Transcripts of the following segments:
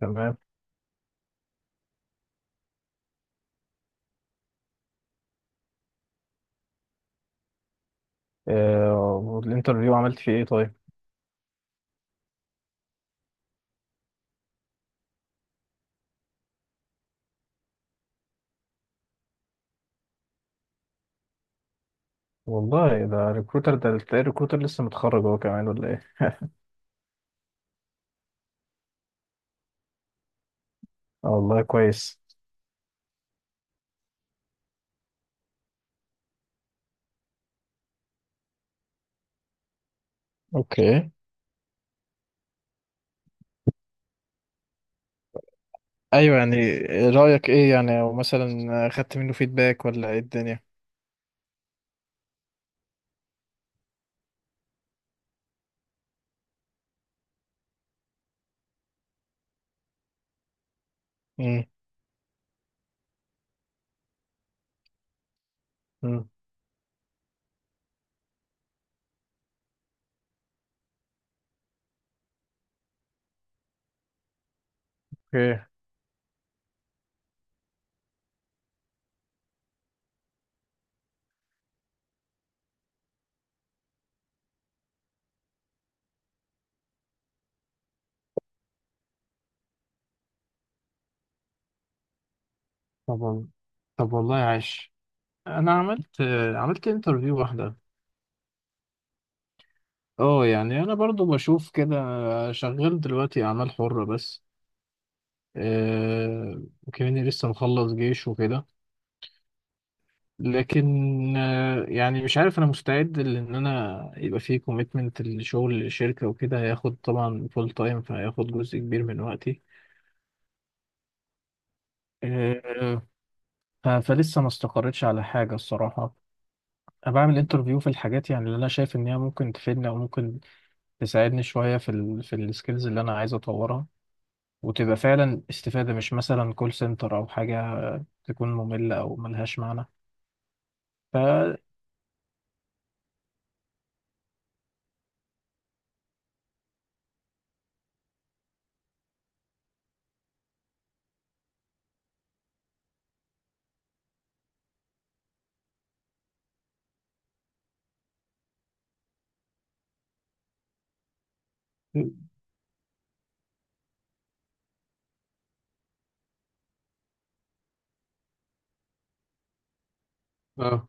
تمام. آه، والانترفيو عملت فيه ايه طيب؟ والله ده ريكروتر، ده تلاقي الريكروتر لسه متخرج هو كمان ولا ايه؟ آه، والله كويس. اوكي. ايوه يعني. رأيك ايه يعني، او مثلا خدت منه فيدباك ولا ايه الدنيا؟ امم أمم، اوكي. طب وال- طب والله عاش. انا عملت، عملت انترفيو واحده. اه يعني انا برضو بشوف كده. شغال دلوقتي اعمال حره بس. وكمان لسه مخلص جيش وكده. لكن يعني مش عارف انا مستعد، لان انا يبقى فيه كوميتمنت لشغل الشركه وكده، هياخد طبعا فول تايم، فهياخد جزء كبير من وقتي. آه، فلسه ما استقريتش على حاجه الصراحه. انا بعمل انترفيو في الحاجات يعني اللي انا شايف ان هي ممكن تفيدني، او ممكن تساعدني شويه في في السكيلز اللي انا عايز اطورها، وتبقى فعلا استفاده، مش مثلا كول سنتر او حاجه تكون ممله او ملهاش معنى. ف اه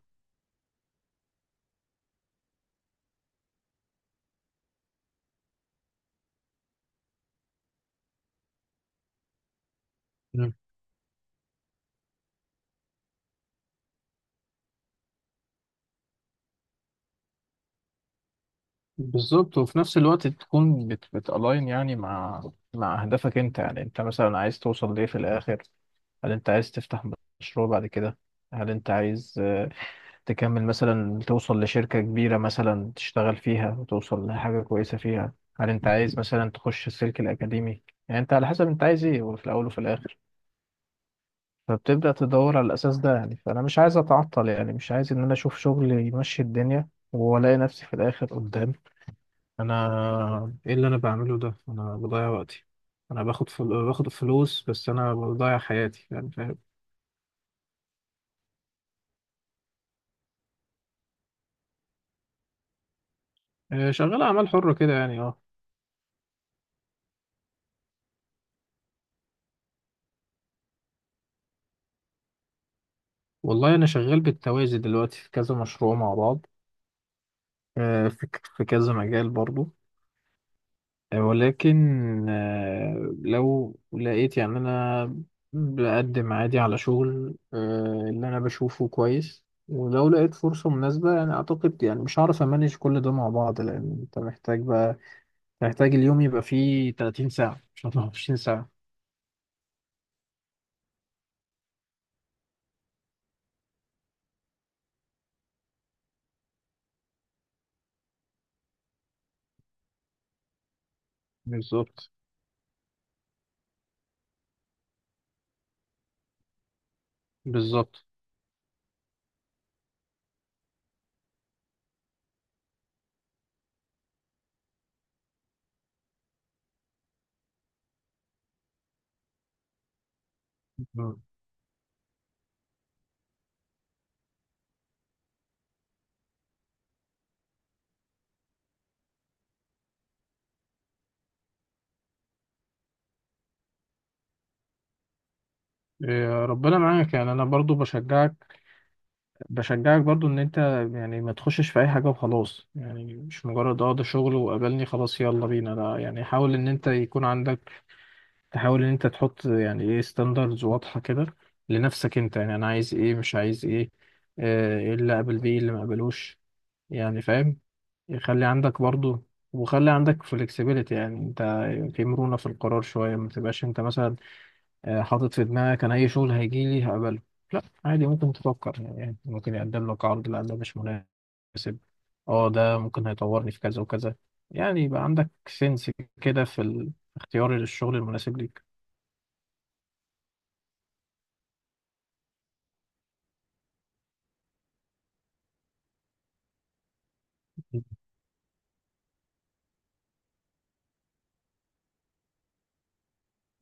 بالظبط. وفي نفس الوقت تكون بتالاين يعني مع، مع اهدافك انت. يعني انت مثلا عايز توصل ليه في الاخر؟ هل انت عايز تفتح مشروع بعد كده؟ هل انت عايز تكمل مثلا توصل لشركة كبيرة مثلا تشتغل فيها وتوصل لحاجة كويسة فيها؟ هل انت عايز مثلا تخش السلك الأكاديمي؟ يعني انت على حسب انت عايز ايه، وفي الأول وفي الآخر فبتبدأ تدور على الأساس ده. يعني فأنا مش عايز أتعطل، يعني مش عايز إن أنا أشوف شغل يمشي الدنيا وألاقي نفسي في الآخر قدام انا ايه اللي انا بعمله ده، انا بضيع وقتي. انا باخد باخد فلوس، بس انا بضيع حياتي يعني فاهم. شغال اعمال حرة كده يعني اه. والله انا شغال بالتوازي دلوقتي في كذا مشروع مع بعض. في كذا مجال برضو. ولكن لو لقيت يعني انا بقدم عادي على شغل، اللي انا بشوفه كويس. ولو لقيت فرصة مناسبة يعني اعتقد يعني مش هعرف امانج كل ده مع بعض، لان انت محتاج بقى، هيحتاج اليوم يبقى فيه 30 ساعة مش 24 ساعة. بالظبط بالظبط. إيه، ربنا معاك يعني. انا برضو بشجعك، بشجعك برضو ان انت يعني ما تخشش في اي حاجة وخلاص. يعني مش مجرد اه ده شغل وقابلني خلاص يلا بينا، لا. يعني حاول ان انت يكون عندك، تحاول ان انت تحط يعني ايه ستاندردز واضحة كده لنفسك انت. يعني انا عايز ايه، مش عايز ايه، ايه اللي اقبل بيه، إيه اللي ما اقبلوش. يعني فاهم، يخلي عندك برضو. وخلي عندك flexibility، يعني انت في مرونة في القرار شوية. ما تبقاش انت مثلا حاطط في دماغك انا اي شغل هيجي لي هقبله. لا، عادي ممكن تفكر. يعني ممكن يقدم لك عرض، لا ده مش مناسب. اه ده ممكن هيطورني في كذا وكذا. يعني يبقى عندك سنس كده في اختيار الشغل المناسب ليك.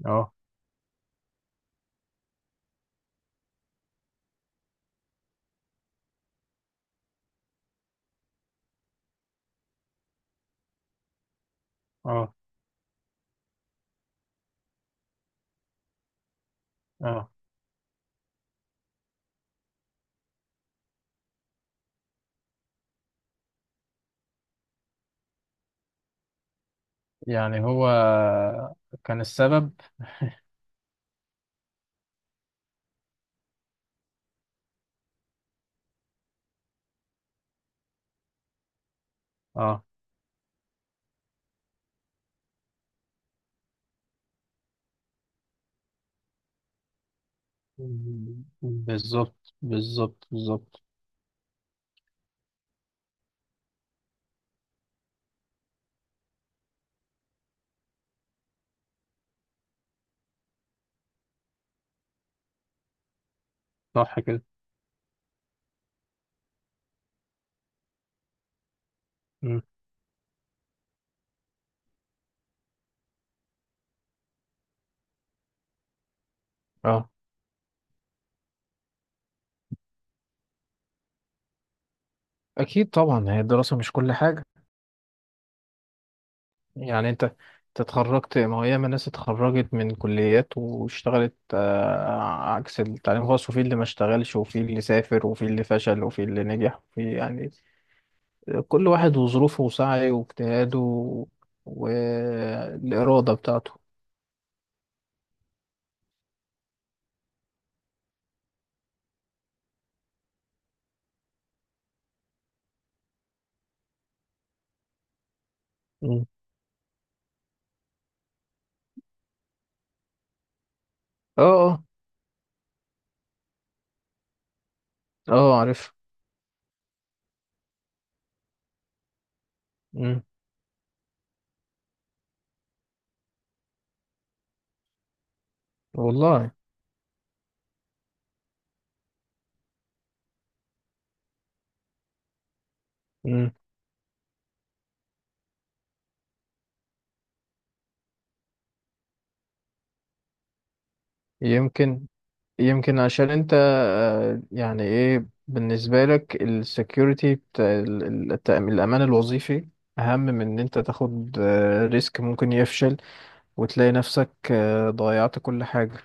اه. اه. اه يعني هو كان السبب. اه بالظبط بالظبط بالظبط. صح كده. اه اكيد طبعا، هي الدراسه مش كل حاجه. يعني انت تتخرجت، ما هي ياما ناس اتخرجت من كليات واشتغلت عكس التعليم الخاص. وفي اللي ما اشتغلش، وفي اللي سافر، وفي اللي فشل، وفي اللي نجح، وفي يعني كل واحد وظروفه وسعيه واجتهاده والاراده بتاعته. مم. اه اه. اه عارف. مم. والله. مم. يمكن، يمكن عشان انت يعني ايه بالنسبة لك السكيورتي بتاع الأمان الوظيفي أهم من إن أنت تاخد ريسك ممكن يفشل وتلاقي نفسك ضيعت كل حاجة.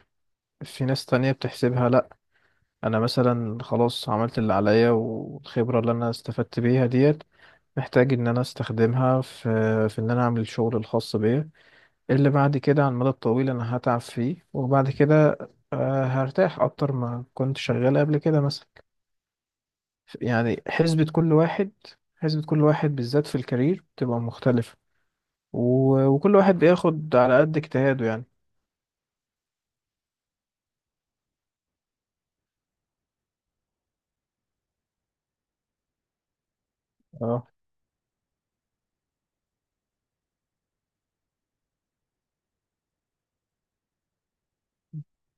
في ناس تانية بتحسبها لأ، أنا مثلا خلاص عملت اللي عليا، والخبرة اللي أنا استفدت بيها ديت محتاج إن أنا أستخدمها في، في إن أنا أعمل الشغل الخاص بيا اللي بعد كده على المدى الطويل انا هتعب فيه، وبعد كده هرتاح اكتر ما كنت شغال قبل كده مثلا. يعني حسبة كل واحد، حسبة كل واحد بالذات في الكارير بتبقى مختلفة. و... وكل واحد بياخد على قد اجتهاده يعني. اه.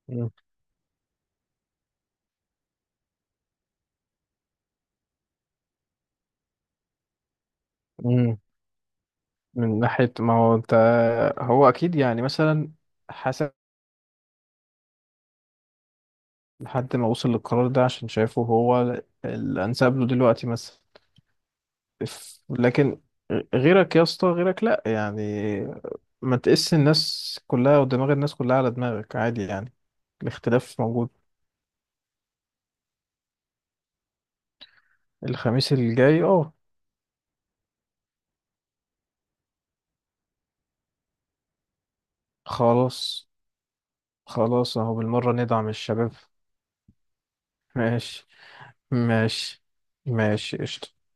مم. مم. من ناحية ما هو انت، هو اكيد يعني مثلا حسب لحد ما وصل للقرار ده عشان شايفه هو الانسب له دلوقتي مثلا. لكن غيرك يا اسطى غيرك لا، يعني ما تقيس الناس كلها ودماغ الناس كلها على دماغك. عادي يعني، الاختلاف موجود. الخميس الجاي اه. خلاص، خلاص اهو بالمرة ندعم الشباب. ماشي. ماشي. ماشي قشطة.